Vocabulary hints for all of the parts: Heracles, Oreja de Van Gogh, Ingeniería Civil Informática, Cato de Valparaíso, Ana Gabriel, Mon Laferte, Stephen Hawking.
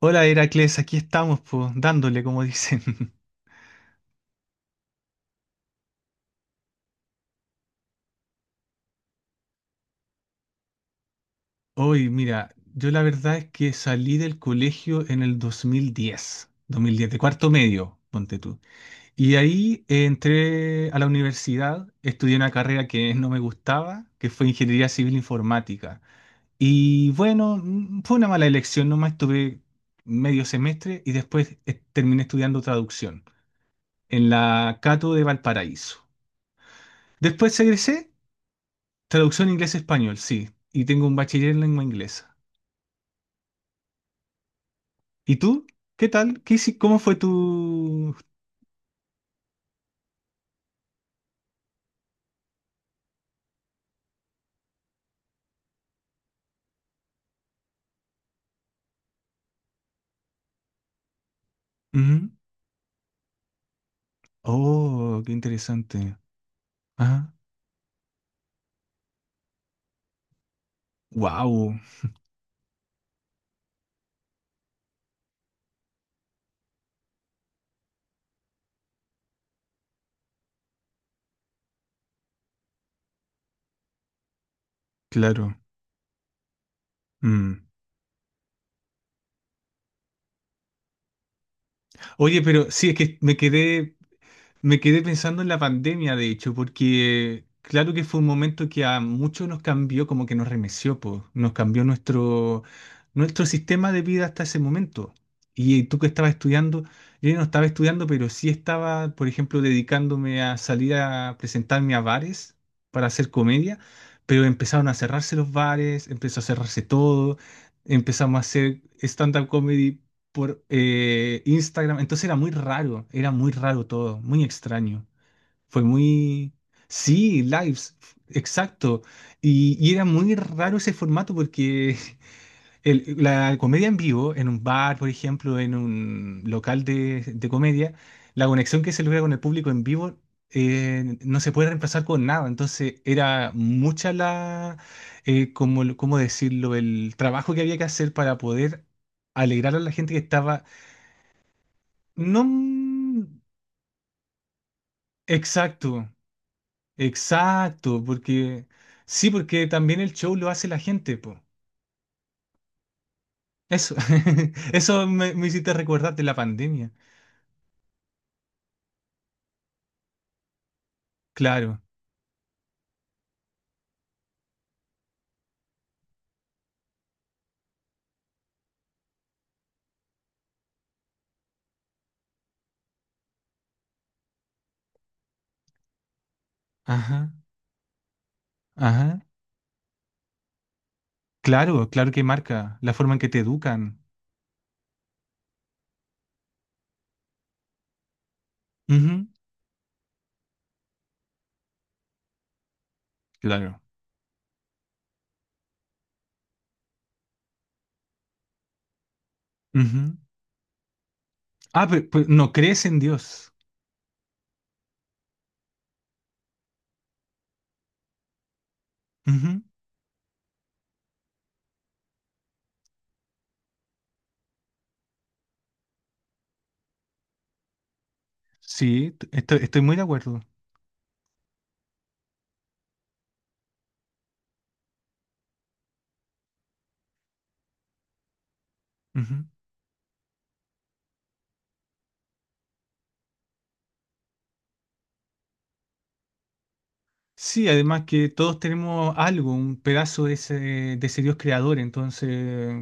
Hola Heracles, aquí estamos, pues, dándole, como dicen. Hoy, mira, yo la verdad es que salí del colegio en el 2010, 2010, de cuarto medio, ponte tú. Y ahí entré a la universidad, estudié una carrera que no me gustaba, que fue Ingeniería Civil Informática. Y bueno, fue una mala elección, nomás estuve medio semestre y después terminé estudiando traducción en la Cato de Valparaíso. Después egresé traducción inglés-español, sí. Y tengo un bachiller en lengua inglesa. ¿Y tú? ¿Qué tal? ¿Cómo fue tu...? Ujú. Oh, qué interesante. Ajá. Wow, claro. Mm. Oye, pero sí, es que me quedé pensando en la pandemia, de hecho, porque claro que fue un momento que a muchos nos cambió, como que nos remeció, po, nos cambió nuestro sistema de vida hasta ese momento. Y tú que estabas estudiando, yo no estaba estudiando, pero sí estaba, por ejemplo, dedicándome a salir a presentarme a bares para hacer comedia, pero empezaron a cerrarse los bares, empezó a cerrarse todo, empezamos a hacer stand-up comedy por Instagram. Entonces era muy raro todo, muy extraño. Fue muy... Sí, lives, exacto. Y era muy raro ese formato porque la comedia en vivo, en un bar, por ejemplo, en un local de comedia, la conexión que se logra con el público en vivo no se puede reemplazar con nada. Entonces era mucha la, ¿cómo decirlo? El trabajo que había que hacer para poder alegrar a la gente que estaba no, exacto, exacto, porque sí, porque también el show lo hace la gente, po. Eso, eso me hiciste recordar de la pandemia. Claro, ajá, ajá, claro, claro que marca la forma en que te educan. Ujú, claro, ujú. Ah, pero, no crees en Dios. Ujú, sí, estoy, estoy muy de acuerdo. Ujú. Sí, además que todos tenemos algo, un pedazo de ese Dios creador, entonces,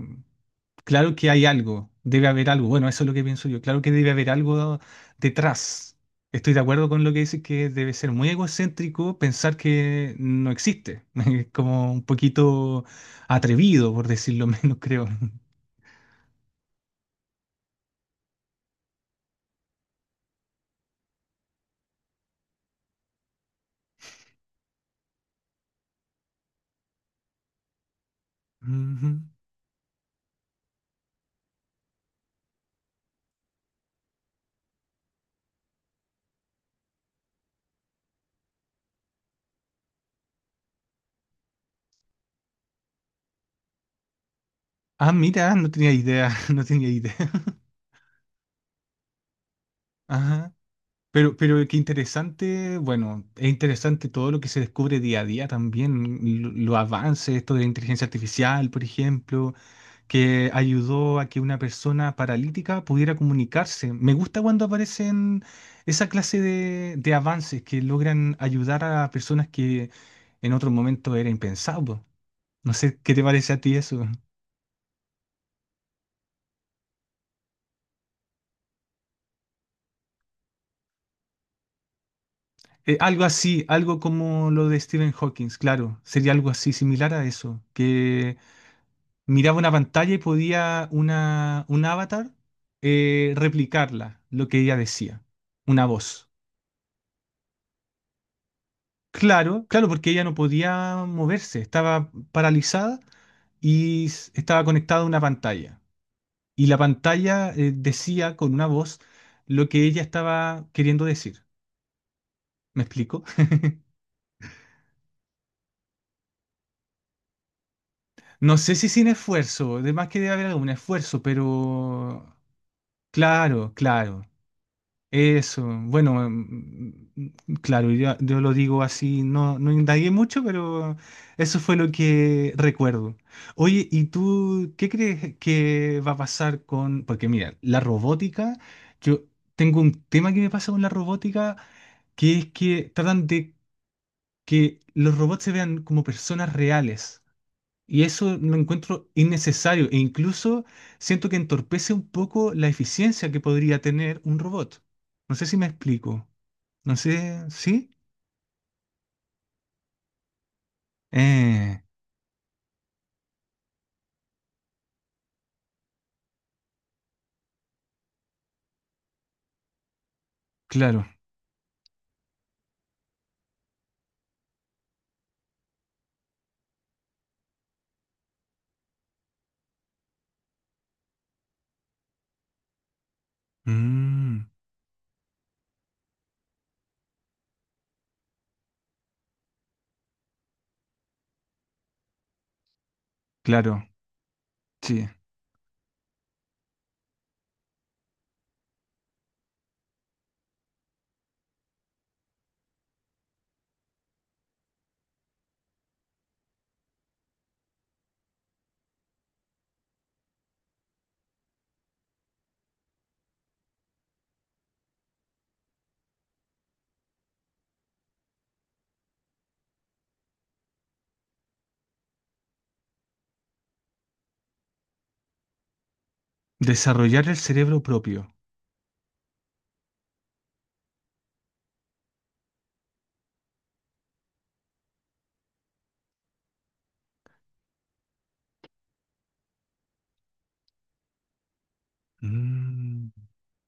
claro que hay algo, debe haber algo, bueno, eso es lo que pienso yo, claro que debe haber algo detrás. Estoy de acuerdo con lo que dices que debe ser muy egocéntrico pensar que no existe, es como un poquito atrevido, por decirlo menos, creo. Ujú. Ah, mira, no tenía idea, no tenía idea. Ajá. Pero qué interesante, bueno, es interesante todo lo que se descubre día a día también, los avances, esto de inteligencia artificial, por ejemplo, que ayudó a que una persona paralítica pudiera comunicarse. Me gusta cuando aparecen esa clase de avances que logran ayudar a personas que en otro momento era impensable. No sé, ¿qué te parece a ti eso? Algo así, algo como lo de Stephen Hawking, claro, sería algo así, similar a eso, que miraba una pantalla y podía una, un avatar replicarla, lo que ella decía, una voz. Claro, claro, porque ella no podía moverse, estaba paralizada y estaba conectada a una pantalla. Y la pantalla decía con una voz lo que ella estaba queriendo decir. ¿Me explico? No sé si sin esfuerzo, además que debe haber algún esfuerzo, pero claro, claro. Eso, bueno, claro, yo lo digo así, no, no indagué mucho, pero eso fue lo que recuerdo. Oye, ¿y tú qué crees que va a pasar con...? Porque mira, la robótica, yo tengo un tema que me pasa con la robótica, que es que tratan de que los robots se vean como personas reales. Y eso lo encuentro innecesario e incluso siento que entorpece un poco la eficiencia que podría tener un robot. No sé si me explico. No sé, ¿sí? Eh, claro. Mm, claro, sí. Desarrollar el cerebro propio.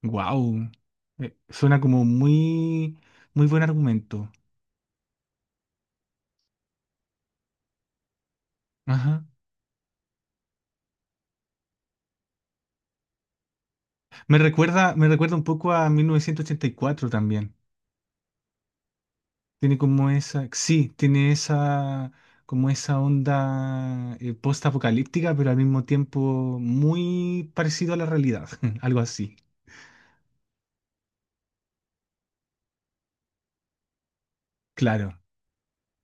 Wow, suena como muy, muy buen argumento. Ajá. Me recuerda un poco a 1984 también. Tiene como esa, sí, tiene esa, como esa onda post-apocalíptica, pero al mismo tiempo muy parecido a la realidad, algo así. Claro,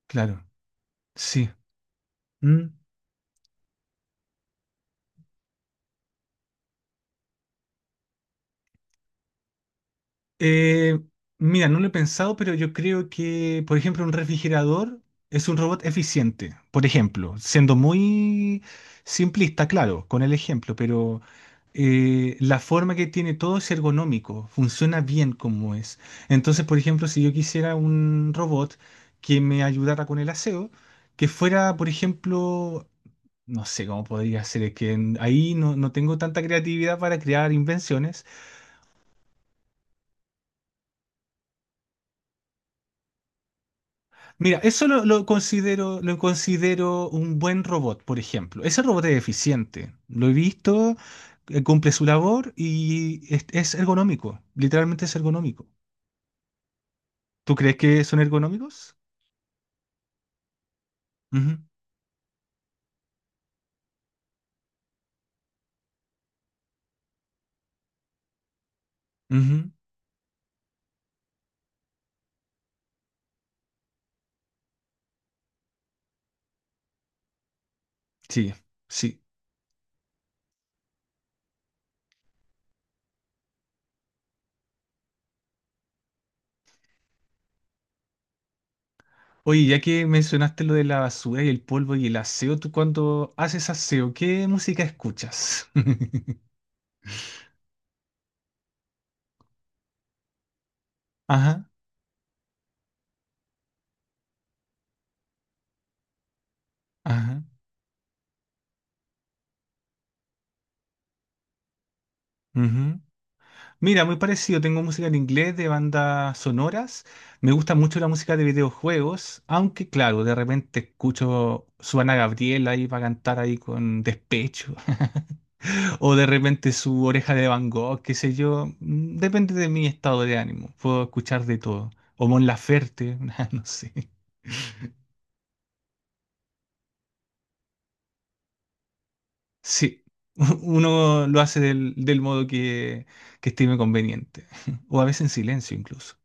claro, sí. Mm. Eh, mira, no lo he pensado, pero yo creo que, por ejemplo, un refrigerador es un robot eficiente, por ejemplo, siendo muy simplista, claro, con el ejemplo, pero la forma que tiene todo es ergonómico, funciona bien como es. Entonces, por ejemplo, si yo quisiera un robot que me ayudara con el aseo, que fuera, por ejemplo, no sé cómo podría ser, es que ahí no, no tengo tanta creatividad para crear invenciones. Mira, eso lo considero un buen robot, por ejemplo. Ese robot es eficiente. Lo he visto, cumple su labor y es ergonómico. Literalmente es ergonómico. ¿Tú crees que son ergonómicos? Ujú, ujú. Sí, sí. Oye, ya que mencionaste lo de la basura y el polvo y el aseo, tú cuando haces aseo, ¿qué música escuchas? Ajá, ajá. Mira, muy parecido. Tengo música en inglés de bandas sonoras. Me gusta mucho la música de videojuegos, aunque claro, de repente escucho su Ana Gabriel ahí para cantar ahí con despecho, o de repente su Oreja de Van Gogh, qué sé yo. Depende de mi estado de ánimo. Puedo escuchar de todo. O Mon Laferte, no sé. Sí, uno lo hace del modo que estime conveniente, o a veces en silencio incluso.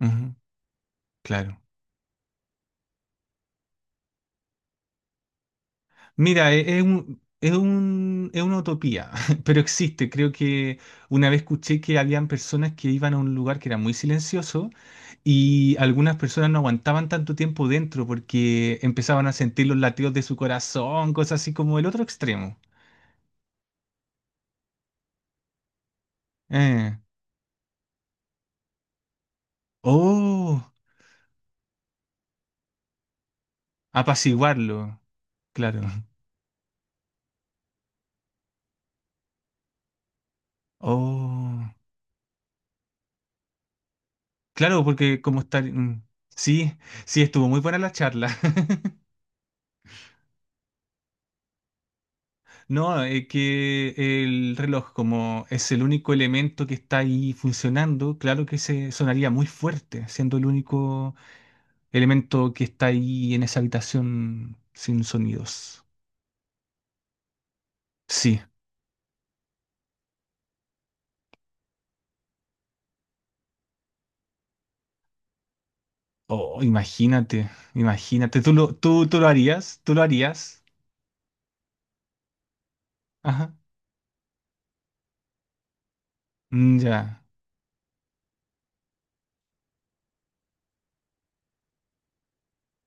Ujú, claro. Mira, es un, es una utopía, pero existe. Creo que una vez escuché que habían personas que iban a un lugar que era muy silencioso y algunas personas no aguantaban tanto tiempo dentro porque empezaban a sentir los latidos de su corazón, cosas así como el otro extremo. Eh, oh, apaciguarlo, claro. Oh, claro, porque como estar... sí, sí, estuvo muy buena la charla. No, es que el reloj, como es el único elemento que está ahí funcionando, claro que se sonaría muy fuerte, siendo el único elemento que está ahí en esa habitación sin sonidos. Sí. Oh, imagínate, imagínate. ¿Tú lo harías? ¿Tú lo harías? Ajá. Mm, ya.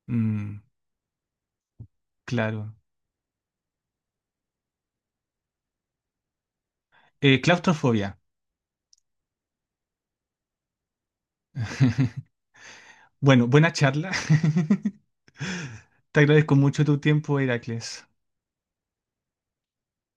Mm, claro. Claustrofobia. Bueno, buena charla. Te agradezco mucho tu tiempo, Heracles.